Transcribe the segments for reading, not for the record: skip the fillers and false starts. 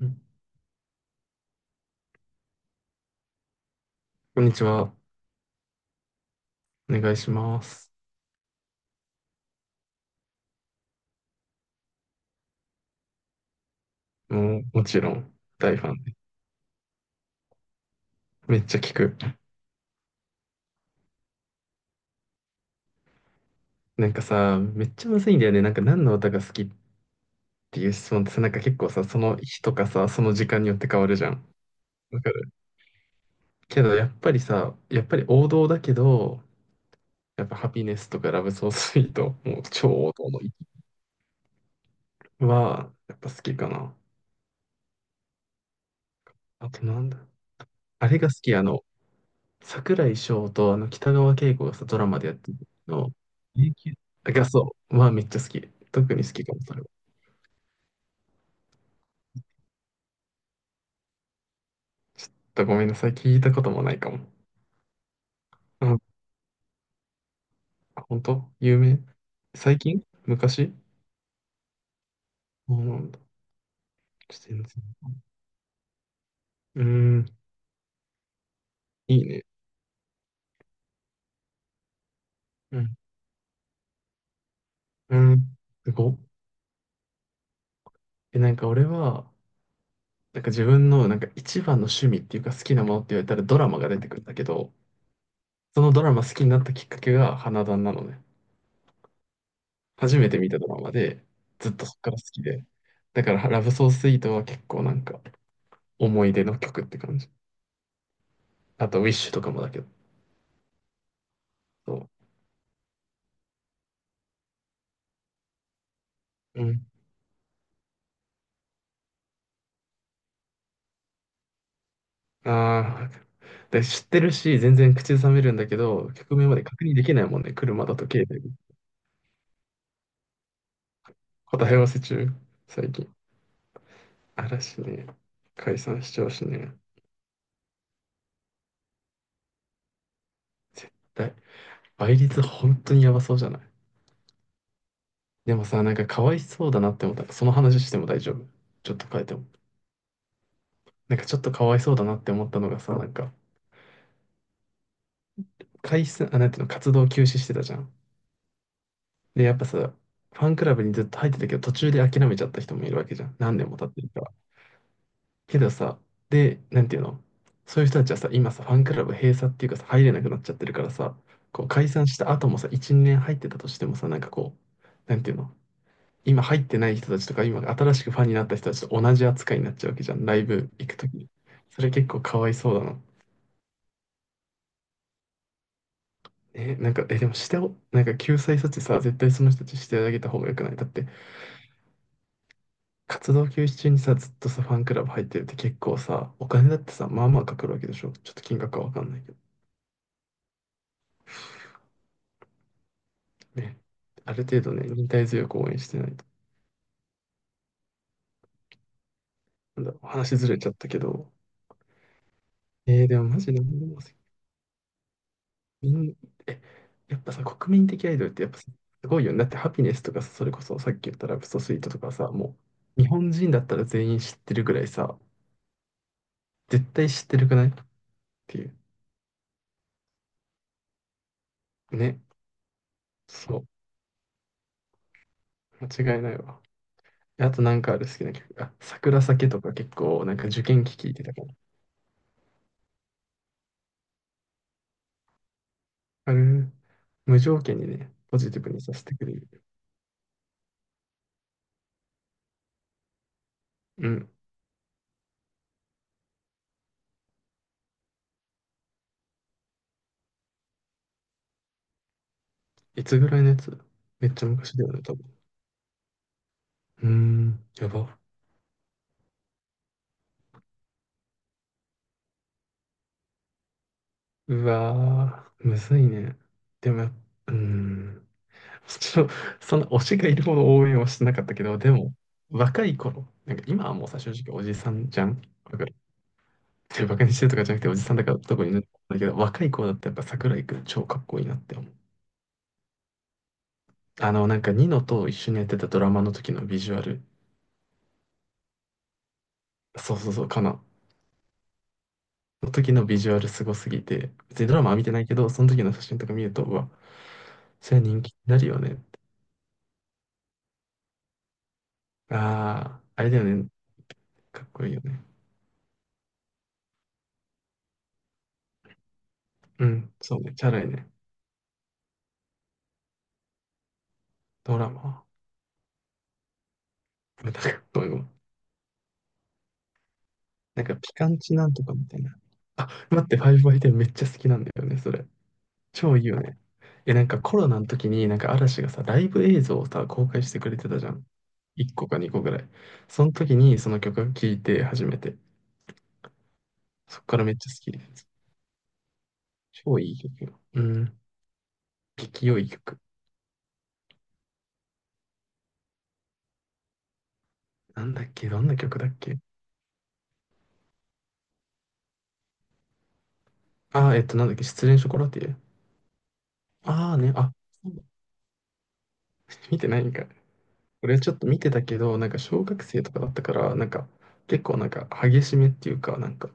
うん。こんにちは。お願いします。もう、もちろん、大ファンで。めっちゃ聞く。なんかさ、めっちゃむずいんだよね。なんか何の歌が好きっていう質問ってさ、なんか結構さ、その日とかさ、その時間によって変わるじゃん。わかるけど、やっぱりさ、やっぱり王道だけど、やっぱハピネスとかラブソースイート、もう超王道の域は、やっぱ好きかな。あとなんだ。あれが好き、桜井翔と北川景子がさ、ドラマでやってるの、永久がそう、まあめっちゃ好き。特に好きかも、それは。ちょっとごめんなさい、聞いたこともないかも。うん、本当有名。最近昔、そうなんだ。ちょっと全然。うーん、いいね。うん、うん、すごっ。え、なんか俺は、なんか自分のなんか一番の趣味っていうか好きなものって言われたらドラマが出てくるんだけど、そのドラマ好きになったきっかけが花壇なのね。初めて見たドラマで、ずっとそっから好きで。だから、ラブソースイートは結構なんか、思い出の曲って感じ。あと、ウィッシュとかもだけど。そう。うん。ああ。で、知ってるし、全然口ずさめるんだけど、曲名まで確認できないもんね。車だと携帯で。答え合わせ中、最近。嵐ね。解散しちゃうしね。絶対。倍率本当にやばそうじゃない？でもさ、なんかかわいそうだなって思った。その話しても大丈夫？ちょっと変えても。なんかちょっとかわいそうだなって思ったのがさ、なんか、解散、あ、なんていうの、活動休止してたじゃん。で、やっぱさ、ファンクラブにずっと入ってたけど、途中で諦めちゃった人もいるわけじゃん。何年も経ってるから。けどさ、で、なんていうの、そういう人たちはさ、今さ、ファンクラブ閉鎖っていうかさ、入れなくなっちゃってるからさ、こう解散した後もさ、1、年入ってたとしてもさ、なんかこう、なんていうの、今入ってない人たちとか、今新しくファンになった人たちと同じ扱いになっちゃうわけじゃん。ライブ行くときに。それ結構かわいそうだな。え、なんか、え、でもしてお、なんか救済措置さ、絶対その人たちしてあげた方がよくない？だって、活動休止中にさ、ずっとさ、ファンクラブ入ってるって結構さ、お金だってさ、まあまあかかるわけでしょ。ちょっと金額はわかんないけどね。ある程度ね、忍耐強く応援してないと。なんだろう、話ずれちゃったけど。でもマジで何でもせみん、え、やっぱさ、国民的アイドルってやっぱすごいよね。だってハピネスとかさ、それこそさっき言ったラブソスイートとかさ、もう日本人だったら全員知ってるぐらいさ、絶対知ってるくないっていう。ね。そう。間違いないわ。あとなんかある好きな曲。あ、桜酒とか結構なんか受験期聞いてたから。あれ、無条件にね、ポジティブにさせてくれる。うん。いつぐらいのやつ？めっちゃ昔だよね、多分。うーん、やば。うわー、むずいね。でもやっ、うーん。ちょっと、そんな推しがいるほど応援はしてなかったけど、でも、若い頃、なんか今はもうさ、正直おじさんじゃん。わかる。でバカにしてるとかじゃなくておじさんだからどこにねだけど、若い子だってやっぱ桜井くん超かっこいいなって思う。なんかニノと一緒にやってたドラマの時のビジュアル、そうそうそう、かな。の時のビジュアルすごすぎて、別にドラマは見てないけど、その時の写真とか見ると、うわ、それは人気になるよねって。ああ、あれだよね。かっこいいよね。うん、そうね。チャラいね。ドラマ。なんか、ごめんごめん、なんかピカンチなんとかみたいな。あ、待って、ファイブアイテンめっちゃ好きなんだよね、それ。超いいよね。え、なんかコロナの時になんか嵐がさ、ライブ映像をさ、公開してくれてたじゃん。1個か2個ぐらい。その時にその曲を聴いて初めて。そっからめっちゃ好きです。超いい曲よ。うん。激良い曲。なんだっけ？どんな曲だっけ？あー、なんだっけ失恋ショコラティエ。ああね、あ、そうだ。 見てないんかい。俺ちょっと見てたけど、なんか小学生とかだったから、なんか結構なんか激しめっていうか、なんか、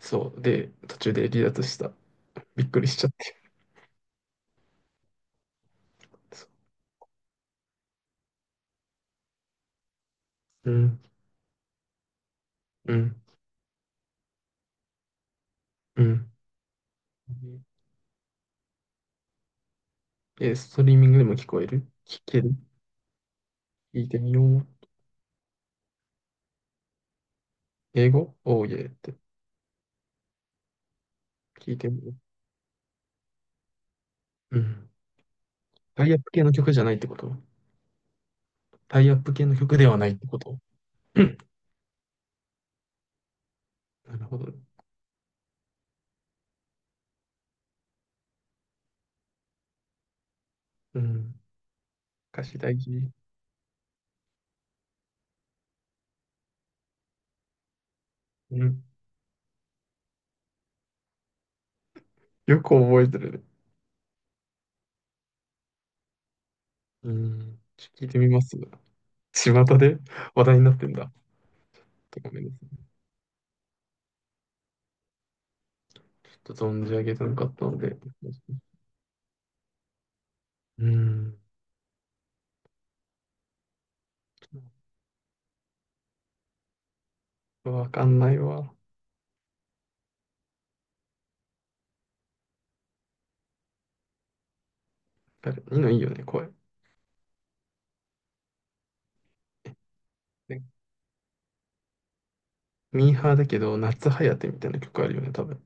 そう。で、途中で離脱した。びっくりしちゃって。そう、うんうん、うん。え、ストリーミングでも聞こえる？聞ける？聞いてみよう。英語おーいえって？聞いてみよう。うん。タイアップ系の曲じゃないってこと？タイアップ系の曲ではないってこと？うん。なるほど。うん。歌詞大事。うん。よく覚えてるね。うん。ちょっと聞いてみます。巷で話題になってんだ。ごめんなさい。ちょっと存じ上げてなかったので。うん。わかんないわ。あれニいのいいよね、声。ミーハーだけど、夏ハヤテみたいな曲あるよね、多分。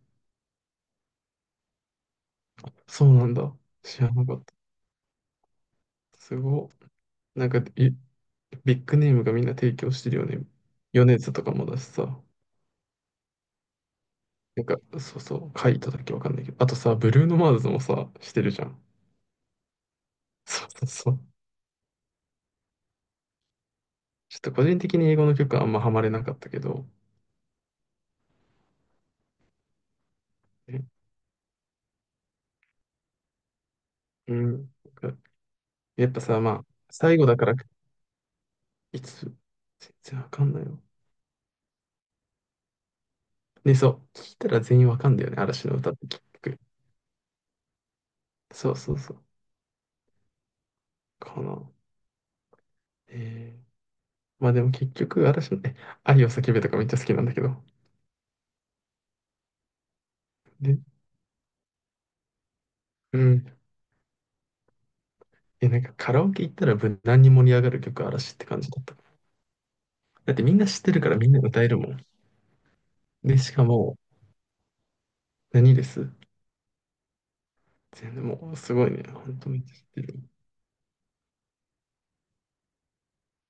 そうなんだ。知らなかった。すごい。なんか、い、ビッグネームがみんな提供してるよね。米津とかもだしさ。なんか、そうそう、カイトだっけわかんないけど。あとさ、ブルーノ・マーズもさ、してるじゃん。そうそうそう。ちょっと個人的に英語の曲はあんまハマれなかったけど。ね、うん。なんかやっぱさ、まあ、最後だから、いつ、全然わかんないよ。ね、そう。聞いたら全員わかんだよね、嵐の歌って結局。そうそうそう。かな。えー、まあでも結局私もね、愛を叫べとかめっちゃ好きなんだけど。で、うん。え、なんかカラオケ行ったら無難に盛り上がる曲嵐って感じだった。だってみんな知ってるからみんな歌えるもん。で、しかも、何です、全然もうすごいね。本当めっちゃ知ってる。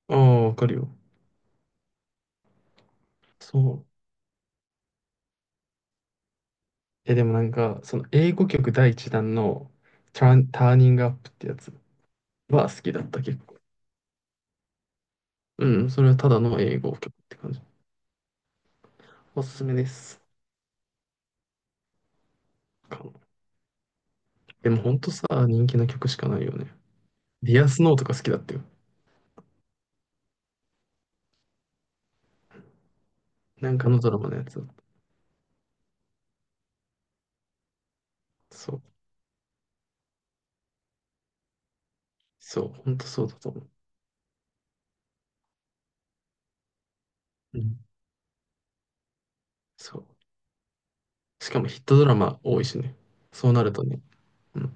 ああ、わかるよ。そう。え、でもなんか、その英語曲第一弾のターン、ターニングアップってやつは好きだった結構。うん、それはただの英語曲って感じ。おすすめです。か、でもほんとさ、人気な曲しかないよね。ディアスノーとか好きだったよ。なんかのドラマのやつだった。そう。そう。ほんとそうだと思う。うん。そう。しかもヒットドラマ多いしね。そうなるとね。うん。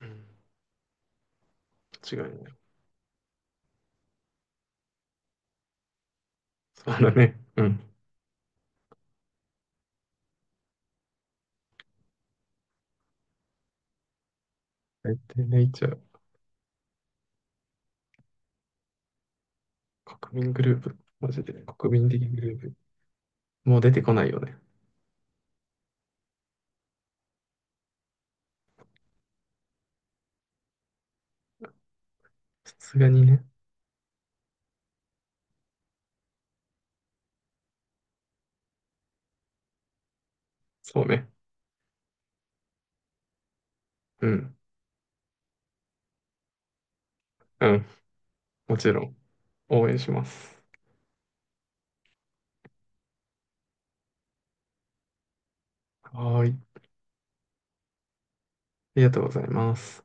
うん。違うなね。そうだね。うん。大体ネイチャー。国民グループ。マジで。国民的グループ。もう出てこないよね。さすがにね。そうね。うん。うん。もちろん。応援します。はーい。ありがとうございます。